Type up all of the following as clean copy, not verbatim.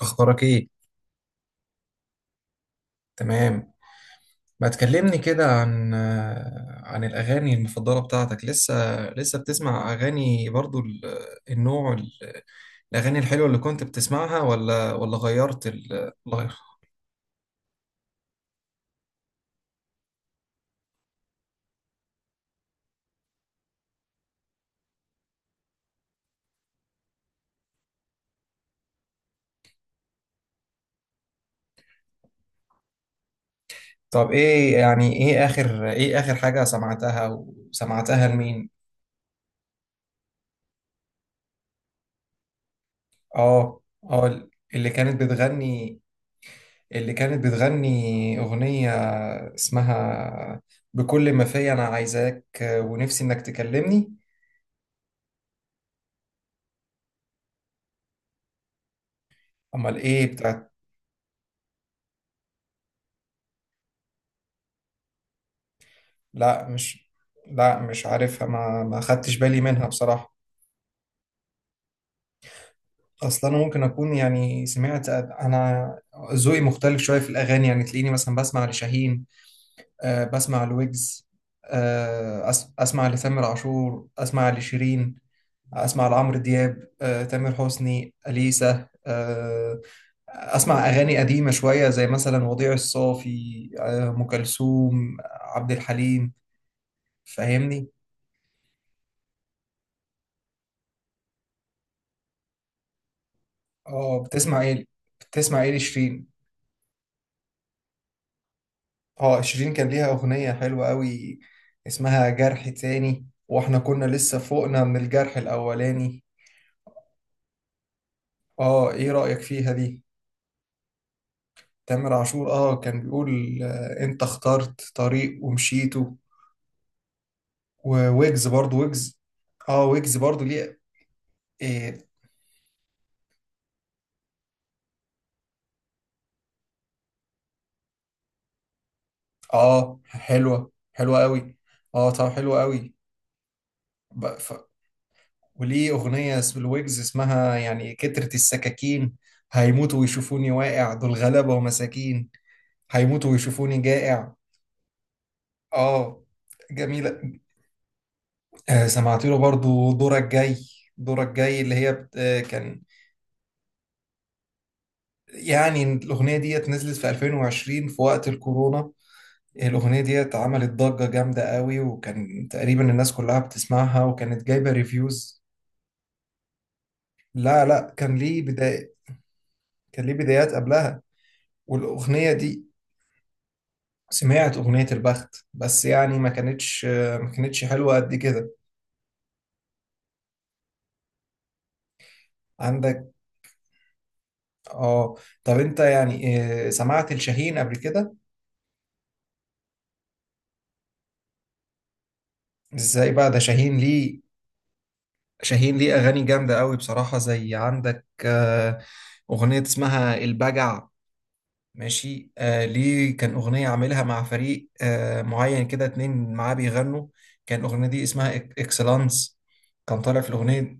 اخبارك ايه؟ تمام. ما تكلمني كده عن عن الاغاني المفضله بتاعتك. لسه بتسمع اغاني برضو النوع الاغاني الحلوه اللي كنت بتسمعها ولا غيرت الغير؟ طب ايه يعني ايه اخر ايه اخر حاجه سمعتها وسمعتها لمين؟ اه، اه، اللي كانت بتغني اللي كانت بتغني اغنيه اسمها بكل ما فيا انا عايزاك ونفسي انك تكلمني. امال ايه بتاعت؟ لا مش لا، مش عارفها، ما خدتش بالي منها بصراحة. اصلا انا ممكن اكون يعني سمعت. انا ذوقي مختلف شوية في الاغاني، يعني تلاقيني مثلا بسمع لشاهين، أه بسمع لويجز، أه اسمع لتامر عاشور، اسمع لشيرين، اسمع لعمرو دياب، أه تامر حسني، اليسا، أه اسمع اغاني قديمة شوية زي مثلا وضيع الصافي، أه ام كلثوم، عبد الحليم. فاهمني؟ اه، بتسمع ايه لشيرين؟ اه، شيرين كان ليها اغنية حلوة قوي اسمها جرح تاني، واحنا كنا لسه فوقنا من الجرح الاولاني. اه، ايه رأيك فيها دي؟ تامر عاشور، اه كان بيقول انت اخترت طريق ومشيته. وويجز، برضو ويجز. اه، ويجز برضو ليه؟ إيه. اه، حلوة، حلوة قوي. اه طب، حلوة قوي. وليه أغنية الويجز اسمها يعني كترة السكاكين، هيموتوا ويشوفوني واقع دول غلابة ومساكين، هيموتوا ويشوفوني جائع. اه، جميلة. سمعت له برضو دورك جاي، دورك جاي اللي هي بت... آه، كان يعني الأغنية ديت نزلت في 2020 في وقت الكورونا، الأغنية ديت عملت ضجة جامدة قوي، وكان تقريبا الناس كلها بتسمعها وكانت جايبة ريفيوز. لا، لا، كان ليه بداية، كان ليه بدايات قبلها. والأغنية دي سمعت أغنية البخت، بس يعني ما كانتش حلوة قد كده. عندك. اه طب انت يعني سمعت الشاهين قبل كده؟ ازاي بقى ده؟ شاهين ليه، شاهين ليه أغاني جامدة قوي بصراحة، زي عندك أغنية اسمها البجع. ماشي. ليه كان أغنية عاملها مع فريق معين كده، اتنين معاه بيغنوا، كان الأغنية دي اسمها إكسلانس، كان طالع في الأغنية،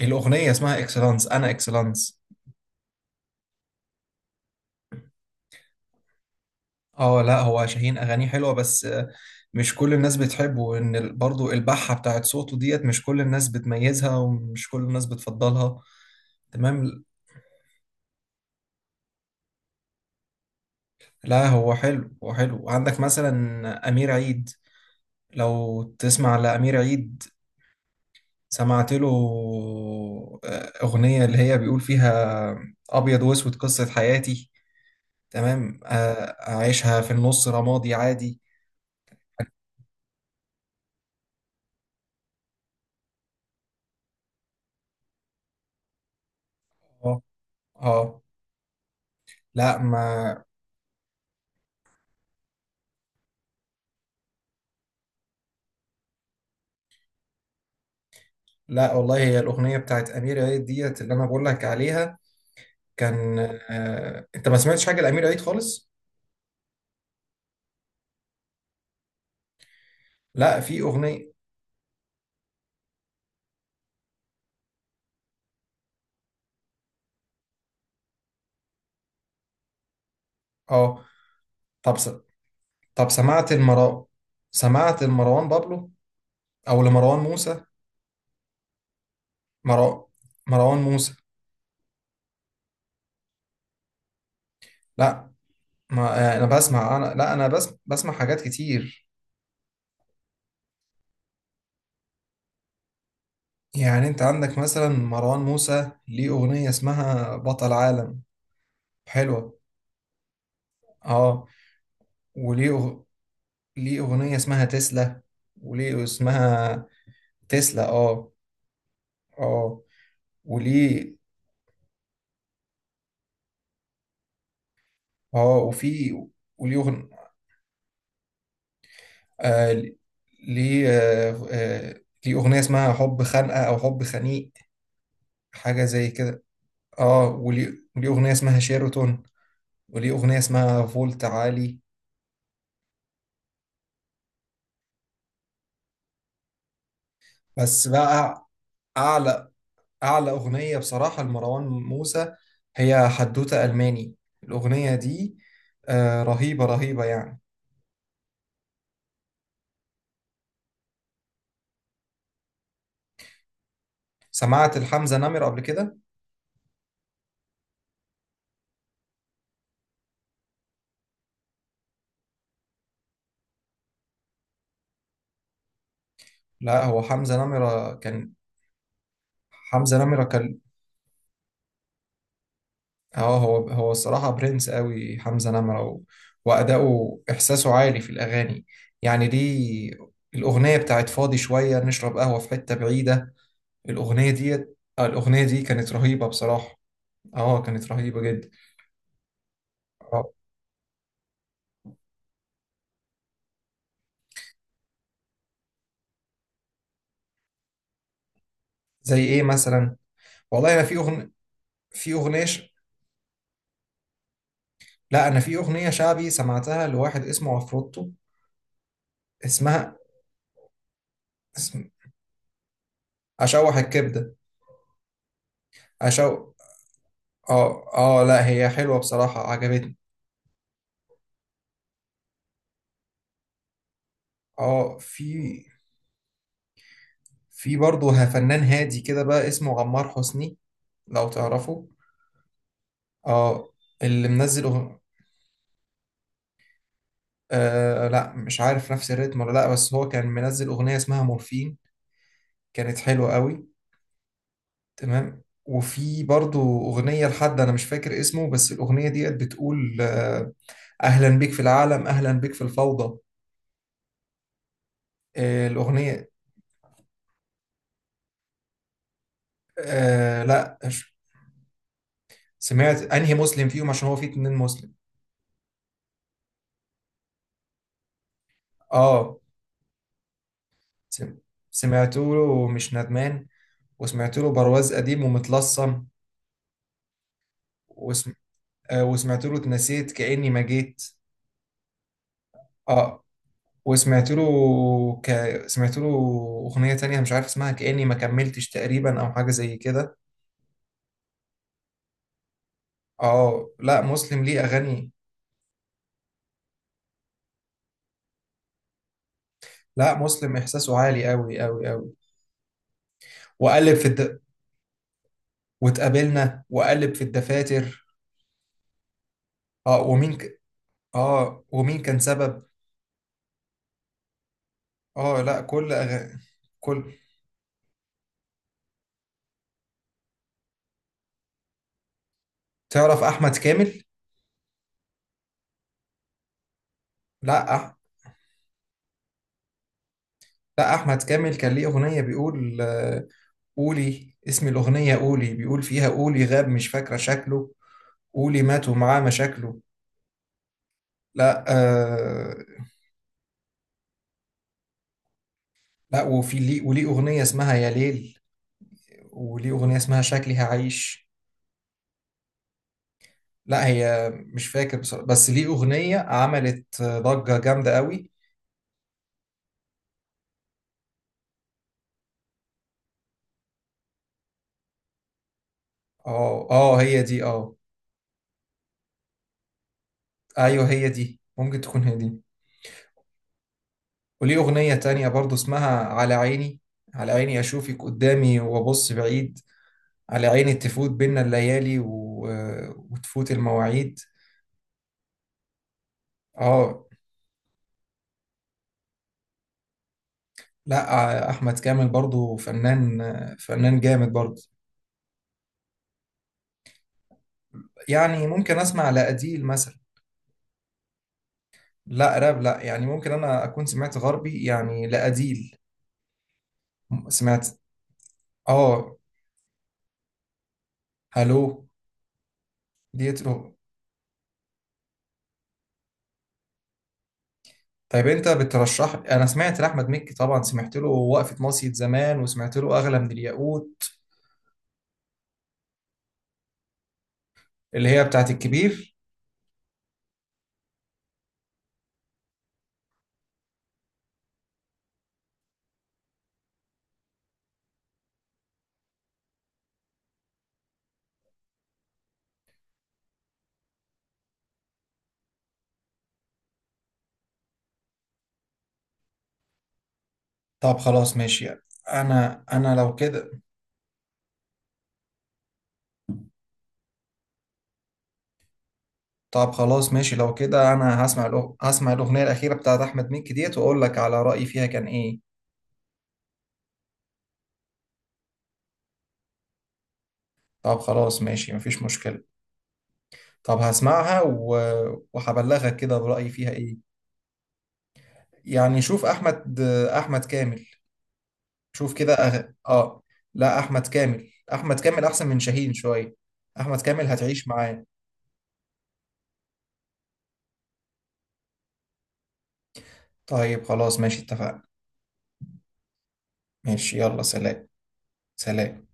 الأغنية اسمها إكسلانس، أنا إكسلانس. اه لا، هو شاهين اغانيه حلوه، بس مش كل الناس بتحبه، ان برضو البحه بتاعت صوته ديت مش كل الناس بتميزها، ومش كل الناس بتفضلها. تمام. لا هو حلو، هو حلو. عندك مثلا امير عيد، لو تسمع لامير عيد. سمعت له اغنيه اللي هي بيقول فيها ابيض واسود قصه حياتي، تمام، اعيشها في النص رمادي عادي. اه، اه. لا ما لا والله، هي الأغنية بتاعت أمير عيد ديت اللي أنا بقول لك عليها. كان أنت ما سمعتش حاجة لأمير عيد خالص؟ لا، في أغنية. أه. طب س... طب سمعت سمعت لمروان بابلو أو لمروان موسى. مرا... مروان موسى. لا. ما... آه... أنا بسمع أنا لا أنا بس... بسمع حاجات كتير. يعني أنت عندك مثلا مروان موسى ليه أغنية اسمها بطل عالم، حلوة. أه. وليه أغ... ليه أغنية اسمها تسلا، وليه اسمها تسلا. اه، اه. وليه اه وفي وليه أغن... آه ليه آه آه ليه أغنية اسمها حب خانقة أو حب خنيق، حاجة زي كده. اه، وليه أغنية اسمها شيراتون، وليه أغنية اسمها فولت عالي. بس بقى، أعلى أعلى أغنية بصراحة لمروان موسى هي حدوتة ألماني. الأغنية دي آه، رهيبة، رهيبة يعني. سمعت الحمزة نمرة قبل كده؟ لا، هو حمزة نمرة كان، حمزة نمرة كان اه هو، هو الصراحة برنس قوي حمزة نمرة، وأداؤه، إحساسه عالي في الأغاني. يعني دي الأغنية بتاعت فاضي شوية نشرب قهوة في حتة بعيدة، الأغنية دي الأغنية دي كانت رهيبة بصراحة. اه، كانت رهيبة جدا. اه، زي إيه مثلا؟ والله، أنا في أغن... في أغنية ش... لا أنا في أغنية شعبي سمعتها لواحد اسمه عفروتو، اسمها، اسم... أشوح الكبدة. أشو اه، اه، لا هي حلوة بصراحة، عجبتني. اه، في برضه فنان هادي كده بقى، اسمه عمار حسني، لو تعرفه. اه، اللي منزل أغ... آه لا مش عارف نفس الريتم ولا لا، بس هو كان منزل أغنية اسمها مورفين، كانت حلوة قوي. تمام. وفي برضه أغنية لحد أنا مش فاكر اسمه، بس الأغنية ديت بتقول آه، أهلا بيك في العالم، أهلا بيك في الفوضى. آه الأغنية آه لا ش- سمعت أنهي مسلم فيهم، عشان هو فيه اتنين مسلم. اه. سم- سمعت له ومش ندمان، وسمعت له برواز قديم ومتلصم، وسم... وسمعت له اتنسيت كأني ما جيت. اه، وسمعت له، ك... سمعت له أغنية تانية مش عارف اسمها كأني ما كملتش تقريبا، أو حاجة زي كده. اه، لا مسلم ليه أغاني. لا، مسلم إحساسه عالي أوي، أوي، أوي. وقلب في الد... واتقابلنا وقلب في الدفاتر. اه، ومين كان سبب. اه، لا. كل أغ... كل تعرف أحمد كامل؟ لا أح... لا احمد كامل كان ليه اغنيه بيقول قولي اسم الاغنيه، قولي بيقول فيها قولي غاب مش فاكره شكله، قولي مات ومعاه مشاكله. لا. لا، وفي ليه، وليه اغنيه اسمها يا ليل، وليه اغنيه اسمها شكلي هعيش. لا، هي مش فاكر بصراحة، بس ليه اغنيه عملت ضجه جامده قوي. اه، اه، هي دي، اه. ايوه، هي دي، ممكن تكون هي دي. وليه أغنية تانية برضو اسمها على عيني، على عيني أشوفك قدامي وأبص بعيد، على عيني تفوت بينا الليالي وتفوت المواعيد. اه. لا أحمد كامل برضو فنان، فنان جامد برضو. يعني ممكن أسمع لأديل مثلا. لا راب، لا، يعني ممكن أنا أكون سمعت غربي يعني لأديل. سمعت. اه، هلو، ديت. طيب انت بترشح، انا سمعت لاحمد مكي طبعا، سمعت له وقفه مصيد زمان، وسمعت له اغلى من الياقوت اللي هي بتاعت الكبير. طب خلاص ماشي. انا انا لو كده، طب خلاص ماشي، لو كده انا هسمع الاغنيه الاخيره بتاعت احمد مكي ديت، واقول لك على رايي فيها كان ايه. طب خلاص ماشي، مفيش مشكله. طب هسمعها وهبلغك كده برايي فيها ايه. يعني شوف احمد، احمد كامل، شوف كده أغ... اه لا، احمد كامل، احسن من شاهين شويه، احمد كامل هتعيش معاه. طيب خلاص ماشي، اتفقنا. ماشي، يلا، سلام. سلام.